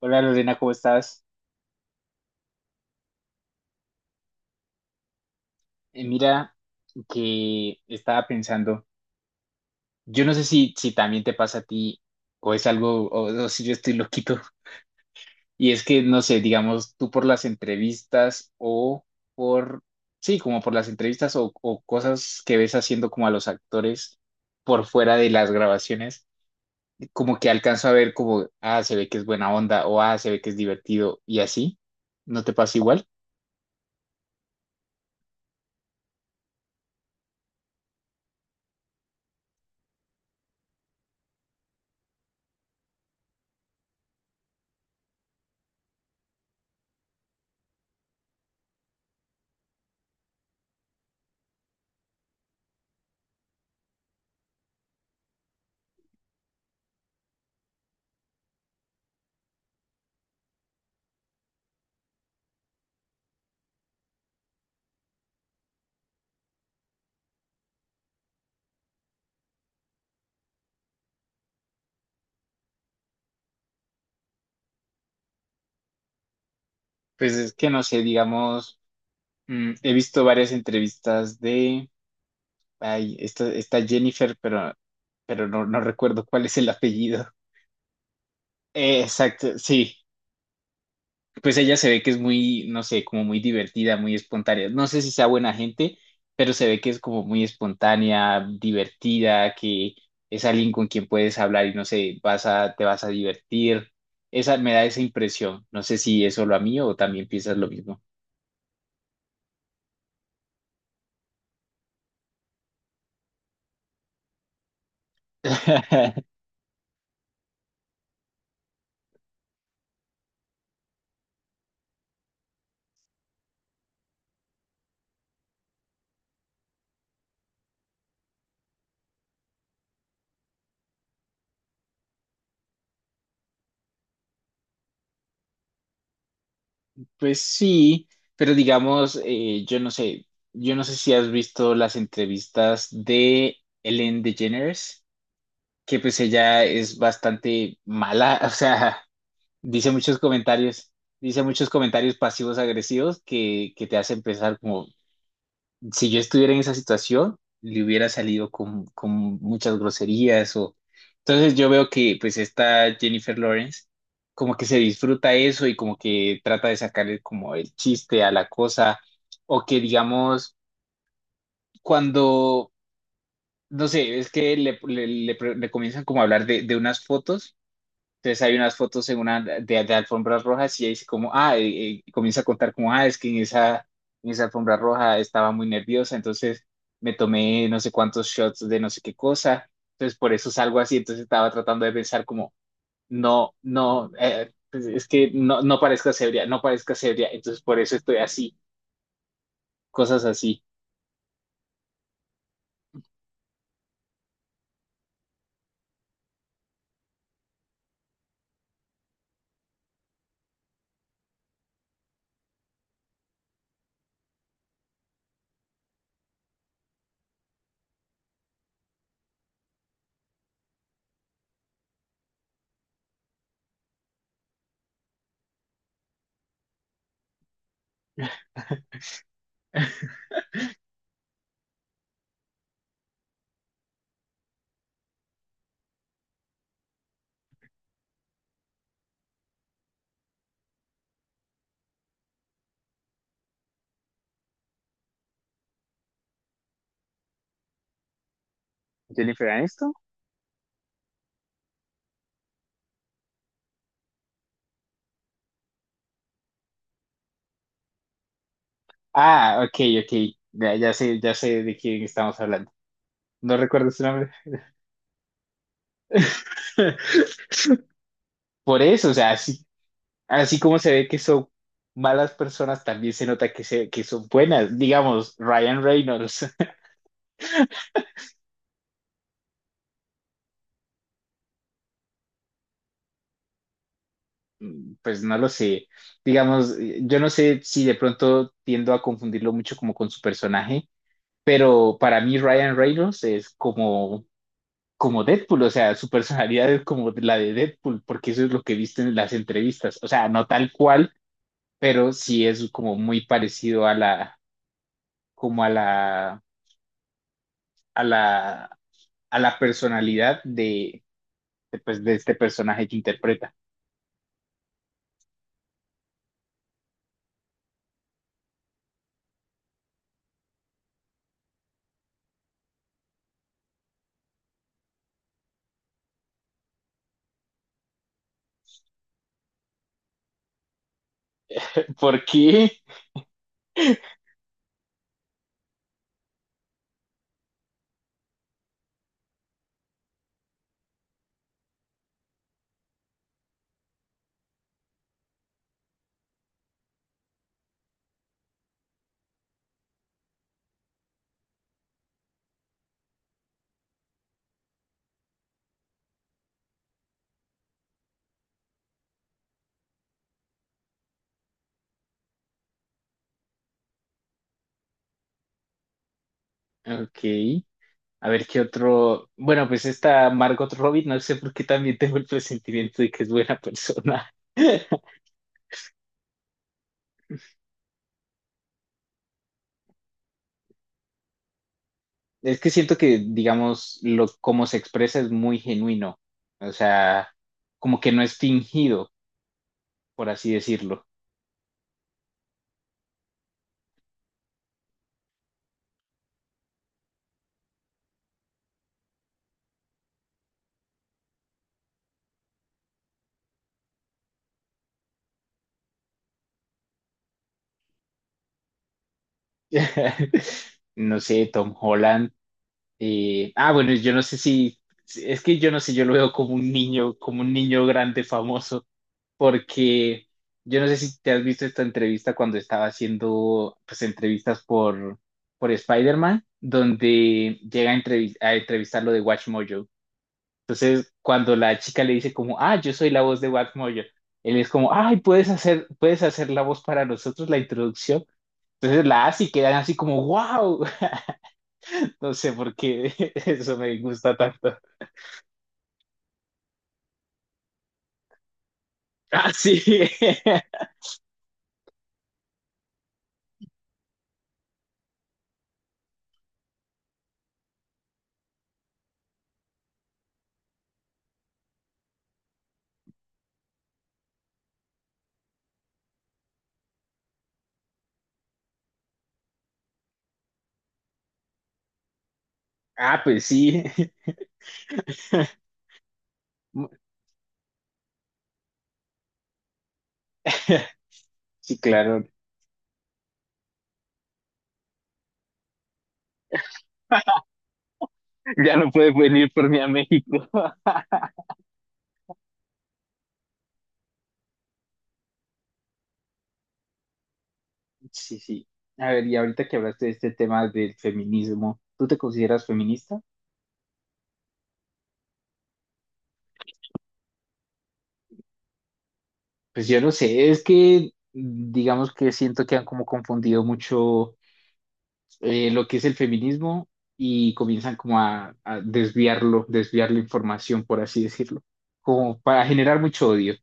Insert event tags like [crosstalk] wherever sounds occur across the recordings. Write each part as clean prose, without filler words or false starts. Hola Lorena, ¿cómo estás? Mira que estaba pensando, yo no sé si también te pasa a ti o es algo, o si yo estoy loquito, y es que, no sé, digamos, tú por las entrevistas por, sí, como por las entrevistas o cosas que ves haciendo como a los actores por fuera de las grabaciones, como que alcanzo a ver como, ah, se ve que es buena onda o ah, se ve que es divertido y así, ¿no te pasa igual? Pues es que, no sé, digamos... he visto varias entrevistas de, ay, esta Jennifer, pero, no recuerdo cuál es el apellido. Exacto, sí. Pues ella se ve que es muy, no sé, como muy divertida, muy espontánea. No sé si sea buena gente, pero se ve que es como muy espontánea, divertida, que es alguien con quien puedes hablar y no sé, te vas a divertir. Esa me da esa impresión. No sé si es solo a mí o también piensas lo mismo. [laughs] Pues sí, pero digamos, yo no sé si has visto las entrevistas de Ellen DeGeneres, que pues ella es bastante mala, [laughs] o sea, dice muchos comentarios, dice muchos comentarios pasivos agresivos que te hacen pensar como, si yo estuviera en esa situación, le hubiera salido con muchas groserías o... Entonces yo veo que pues esta Jennifer Lawrence como que se disfruta eso y como que trata de sacarle como el chiste a la cosa o que digamos cuando, no sé, es que le comienzan como a hablar de unas fotos. Entonces hay unas fotos en una de alfombras rojas y ahí dice como, ah, comienza a contar como, ah, es que en esa alfombra roja estaba muy nerviosa, entonces me tomé no sé cuántos shots de no sé qué cosa, entonces por eso salgo así, entonces estaba tratando de pensar como, no, no, pues, es que no, no parezca sebria, no parezca sebria, entonces por eso estoy así, cosas así. Jennifer Aniston. Ah, ok, ok, ya, ya sé de quién estamos hablando. No recuerdo su nombre. [laughs] Por eso, o sea, sí, así como se ve que son malas personas, también se nota que, se, que son buenas. Digamos, Ryan Reynolds, [laughs] mm, pues no lo sé. Digamos, yo no sé si de pronto tiendo a confundirlo mucho como con su personaje, pero para mí Ryan Reynolds es como, como Deadpool, o sea, su personalidad es como la de Deadpool, porque eso es lo que viste en las entrevistas. O sea, no tal cual, pero sí es como muy parecido a la, como a la, a la, a la personalidad de pues, de este personaje que interpreta. ¿Por qué? Ok. A ver qué otro. Bueno, pues esta Margot Robbie, no sé por qué también tengo el presentimiento de que es buena persona. [laughs] Es que siento que, digamos, lo, cómo se expresa es muy genuino. O sea, como que no es fingido, por así decirlo. [laughs] No sé, Tom Holland. Bueno, yo no sé si. Es que yo no sé, yo lo veo como un niño grande famoso. Porque yo no sé si te has visto esta entrevista cuando estaba haciendo pues por Spider-Man, donde a entrevistar lo de Watch Mojo. Entonces, cuando la chica le dice como, ah, yo soy la voz de Watch Mojo, él es como, ay, puedes hacer la voz para nosotros, la introducción. Entonces la hace y quedan así como, wow, [laughs] no sé por qué [laughs] eso me gusta tanto. Ah, sí. [laughs] Ah, pues sí. [laughs] Sí, claro, [laughs] ya no puede venir por mí a México. Sí, sí. A ver, y ahorita que hablaste de este tema del feminismo, ¿tú te consideras feminista? Pues yo no sé, es que digamos que siento que han como confundido mucho lo que es el feminismo y comienzan como a desviarlo, desviar la información, por así decirlo, como para generar mucho odio.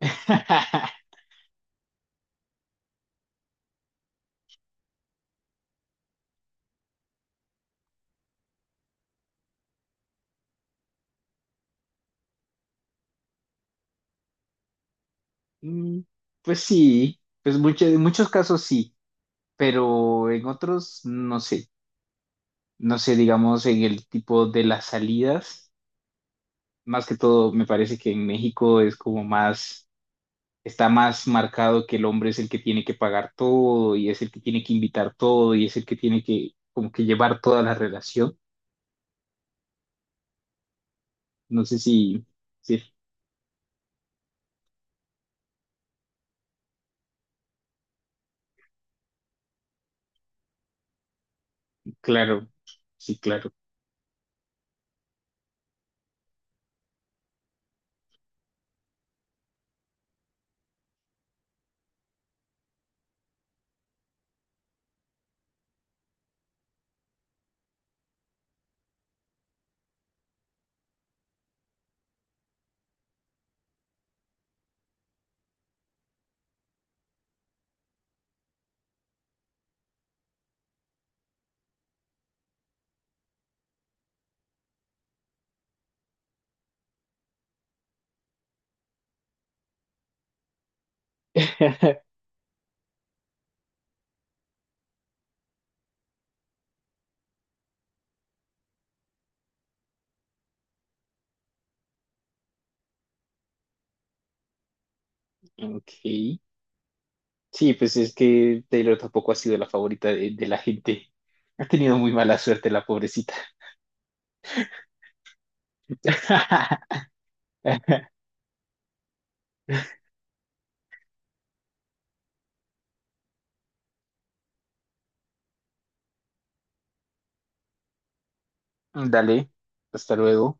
[laughs] Mm, pues sí, pues mucho- en muchos casos sí, pero en otros no sé. No sé, digamos, en el tipo de las salidas. Más que todo, me parece que en México es como más, está más marcado que el hombre es el que tiene que pagar todo y es el que tiene que invitar todo y es el que tiene que como que llevar toda la relación. No sé si, sí, claro, sí, claro. [laughs] Ok. Sí, pues es que Taylor tampoco ha sido la favorita de la gente. Ha tenido muy mala suerte la pobrecita. [laughs] Dale, hasta luego.